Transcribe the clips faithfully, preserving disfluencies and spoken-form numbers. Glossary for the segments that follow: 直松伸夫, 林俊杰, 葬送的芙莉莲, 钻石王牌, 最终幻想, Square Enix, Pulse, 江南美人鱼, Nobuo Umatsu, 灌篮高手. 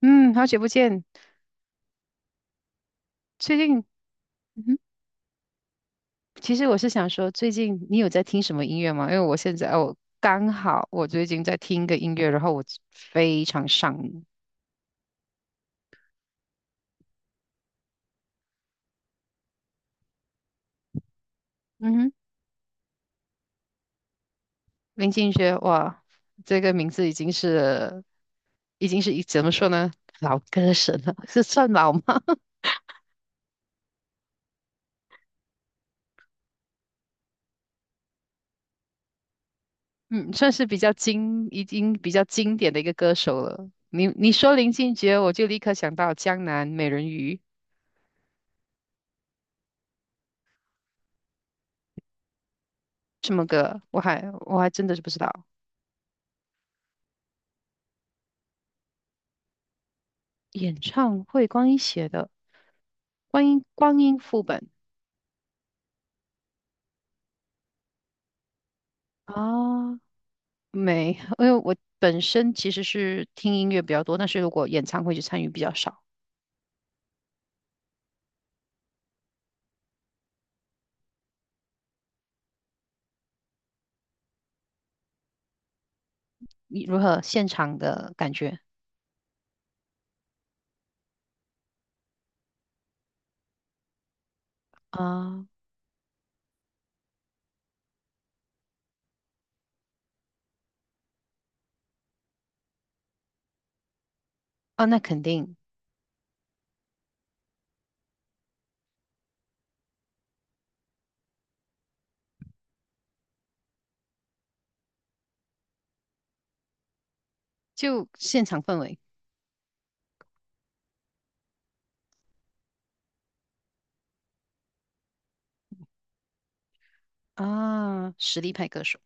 嗯，好久不见。最近，嗯哼，其实我是想说，最近你有在听什么音乐吗？因为我现在我刚好我最近在听一个音乐，然后我非常上瘾。嗯哼，林俊杰，哇，这个名字已经是已经是一怎么说呢，老歌神了，是算老吗？嗯，算是比较经已经比较经典的一个歌手了。你你说林俊杰，我就立刻想到《江南美人鱼》。什么歌，我还我还真的是不知道。演唱会光一写的。观音光阴副本啊，没，因为我本身其实是听音乐比较多，但是如果演唱会就参与比较少。你如何现场的感觉啊？啊，那肯定。就现场氛围啊，实力派歌手。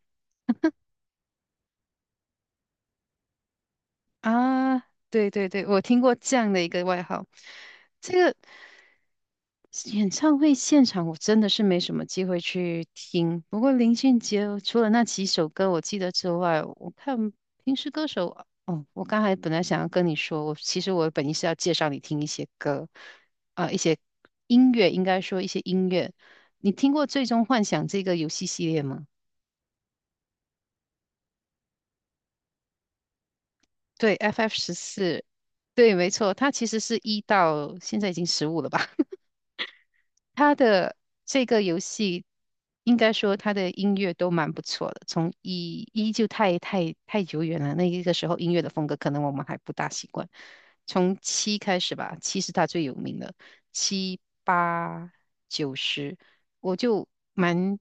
啊，对对对，我听过这样的一个外号。这个演唱会现场我真的是没什么机会去听，不过林俊杰除了那几首歌我记得之外，我看平时歌手。哦，我刚才本来想要跟你说，我其实我本意是要介绍你听一些歌啊，一些音乐，应该说一些音乐。你听过《最终幻想》这个游戏系列吗？对，F F 十四，对，没错，它其实是一到现在已经十五了吧？他的这个游戏，应该说他的音乐都蛮不错的。从一一就太太太久远了，那一个时候音乐的风格可能我们还不大习惯。从七开始吧，七是他最有名的。七八九十，我就蛮。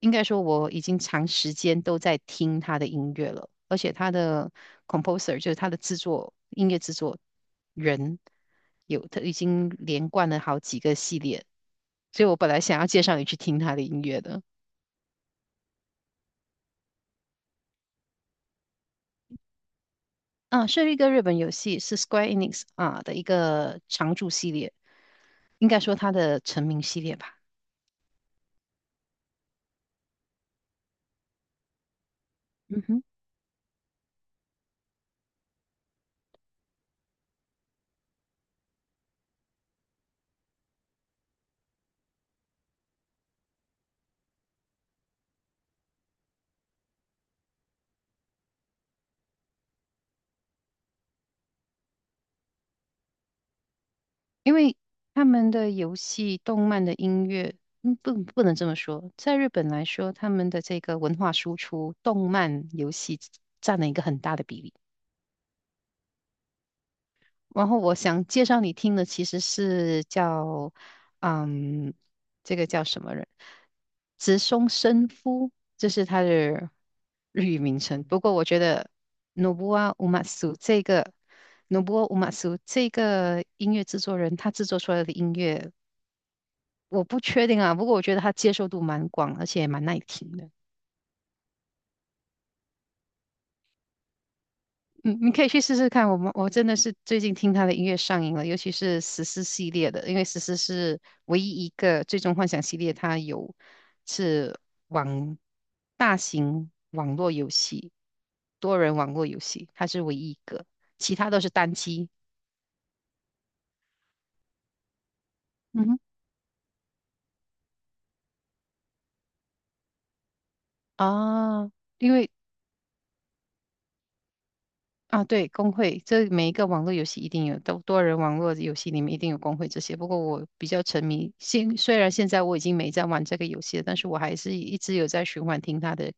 应该说我已经长时间都在听他的音乐了，而且他的 composer 就是他的制作，音乐制作人，有他已经连贯了好几个系列，所以我本来想要介绍你去听他的音乐的。啊，是一个日本游戏，是 Square Enix 啊的一个常驻系列，应该说它的成名系列吧。嗯哼。因为他们的游戏、动漫的音乐，嗯，不，不能这么说。在日本来说，他们的这个文化输出，动漫、游戏占了一个很大的比例。然后我想介绍你听的其实是叫，嗯，这个叫什么人？直松伸夫，这是他的 日语名称。不过我觉得 Nobuo u m a s u 这个 Nobuo u m a s u 这个音乐制作人，他制作出来的音乐。我不确定啊，不过我觉得它接受度蛮广，而且也蛮耐听的。嗯，你可以去试试看。我们我真的是最近听他的音乐上瘾了，尤其是十四系列的，因为十四是唯一一个最终幻想系列，它有。是网。大型网络游戏，多人网络游戏，它是唯一一个，其他都是单机。嗯哼，啊，因为。啊，对，工会，这每一个网络游戏一定有，多多人网络游戏里面一定有工会这些。不过我比较沉迷，现虽然现在我已经没在玩这个游戏了，但是我还是一直有在循环听他的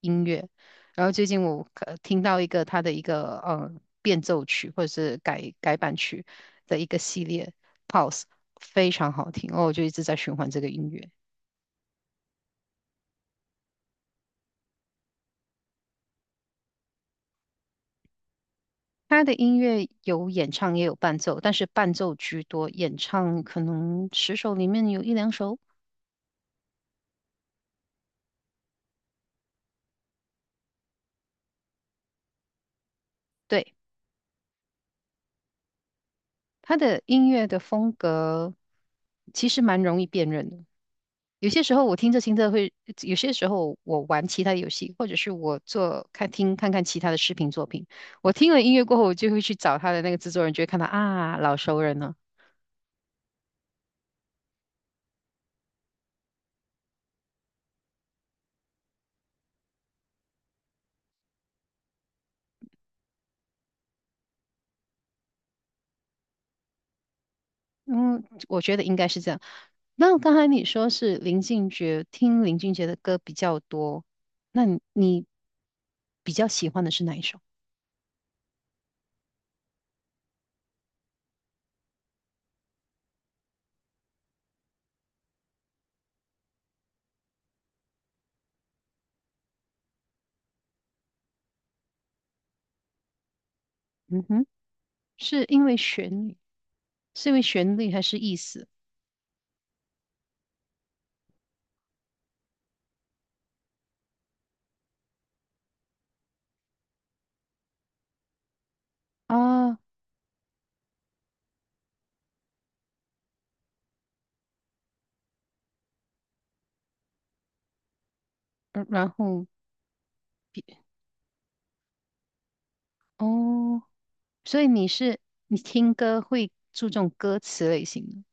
音乐。然后最近我呃听到一个他的一个呃变奏曲或者是改改版曲的一个系列，Pulse 非常好听，哦，我就一直在循环这个音乐。他的音乐有演唱也有伴奏，但是伴奏居多，演唱可能十首里面有一两首。对，他的音乐的风格其实蛮容易辨认的。有些时候我听着听着会，有些时候我玩其他游戏，或者是我做看听看看其他的视频作品，我听了音乐过后，我就会去找他的那个制作人，就会看到啊，老熟人了。嗯，我觉得应该是这样。那刚才你说是林俊杰，听林俊杰的歌比较多，那你你比较喜欢的是哪一首？嗯哼，是因为旋律，是因为旋律还是意思啊？呃然后比哦，所以你是你听歌会注重歌词类型的。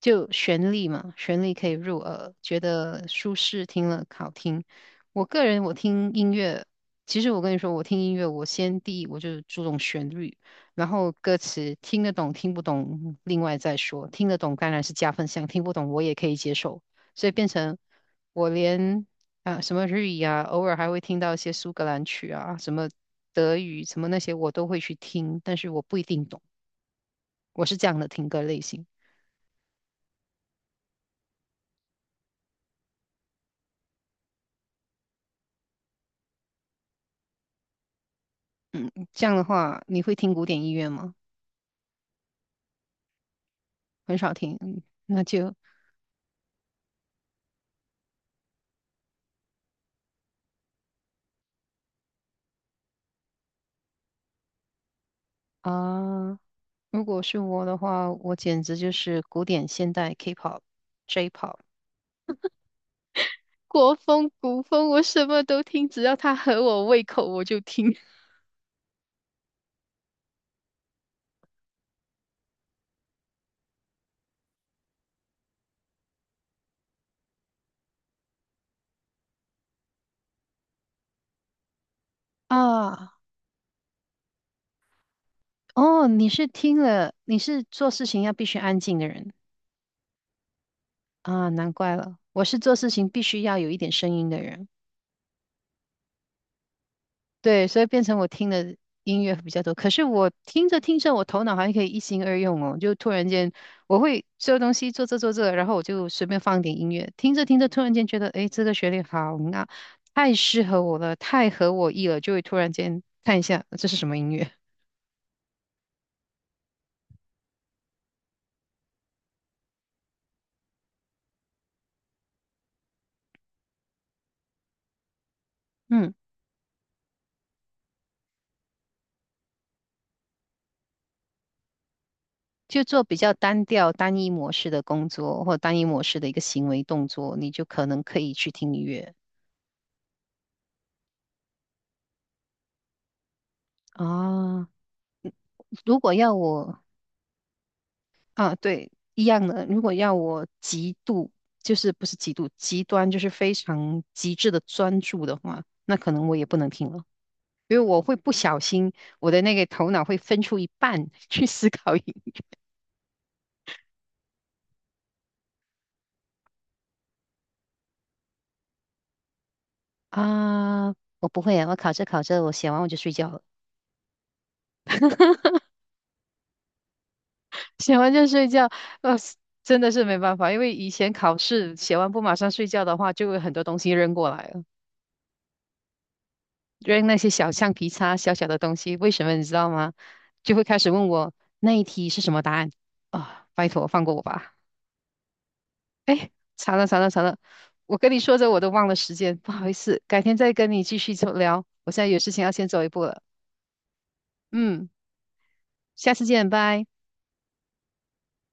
就旋律嘛，旋律可以入耳，觉得舒适，听了好听。我个人我听音乐，其实我跟你说，我听音乐，我先第一我就注重旋律，然后歌词听得懂听不懂，另外再说。听得懂当然是加分项，听不懂我也可以接受，所以变成我连啊什么日语啊，偶尔还会听到一些苏格兰曲啊，什么德语什么那些我都会去听，但是我不一定懂，我是这样的听歌类型。这样的话，你会听古典音乐吗？很少听，嗯那就。啊，如果是我的话，我简直就是古典、现代、K-pop、J-pop、 国风、古风，我什么都听，只要它合我胃口，我就听。啊。哦，你是听了，你是做事情要必须安静的人啊，难怪了，我是做事情必须要有一点声音的人。对，所以变成我听的音乐比较多。可是我听着听着，我头脑像可以一心二用哦，就突然间我会这东西做这做这，然后我就随便放点音乐，听着听着，突然间觉得，诶，这个旋律好。那太适合我了，太合我意了，就会突然间看一下这是什么音乐。嗯，就做比较单调、单一模式的工作或单一模式的一个行为动作，你就可能可以去听音乐。啊，如果要我。啊，对，一样的。如果要我极度，就是不是极度，极端就是非常极致的专注的话，那可能我也不能听了，因为我会不小心，我的那个头脑会分出一半 去思考一。啊，我不会啊，我考着考着，我写完我就睡觉了，写完就睡觉，呃，真的是没办法，因为以前考试写完不马上睡觉的话，就有很多东西扔过来了。扔那些小橡皮擦、小小的东西，为什么你知道吗？就会开始问我那一题是什么答案啊、拜托，放过我吧！哎，惨了惨了惨了！我跟你说着我都忘了时间，不好意思，改天再跟你继续聊。我现在有事情要先走一步了，嗯，下次见，拜。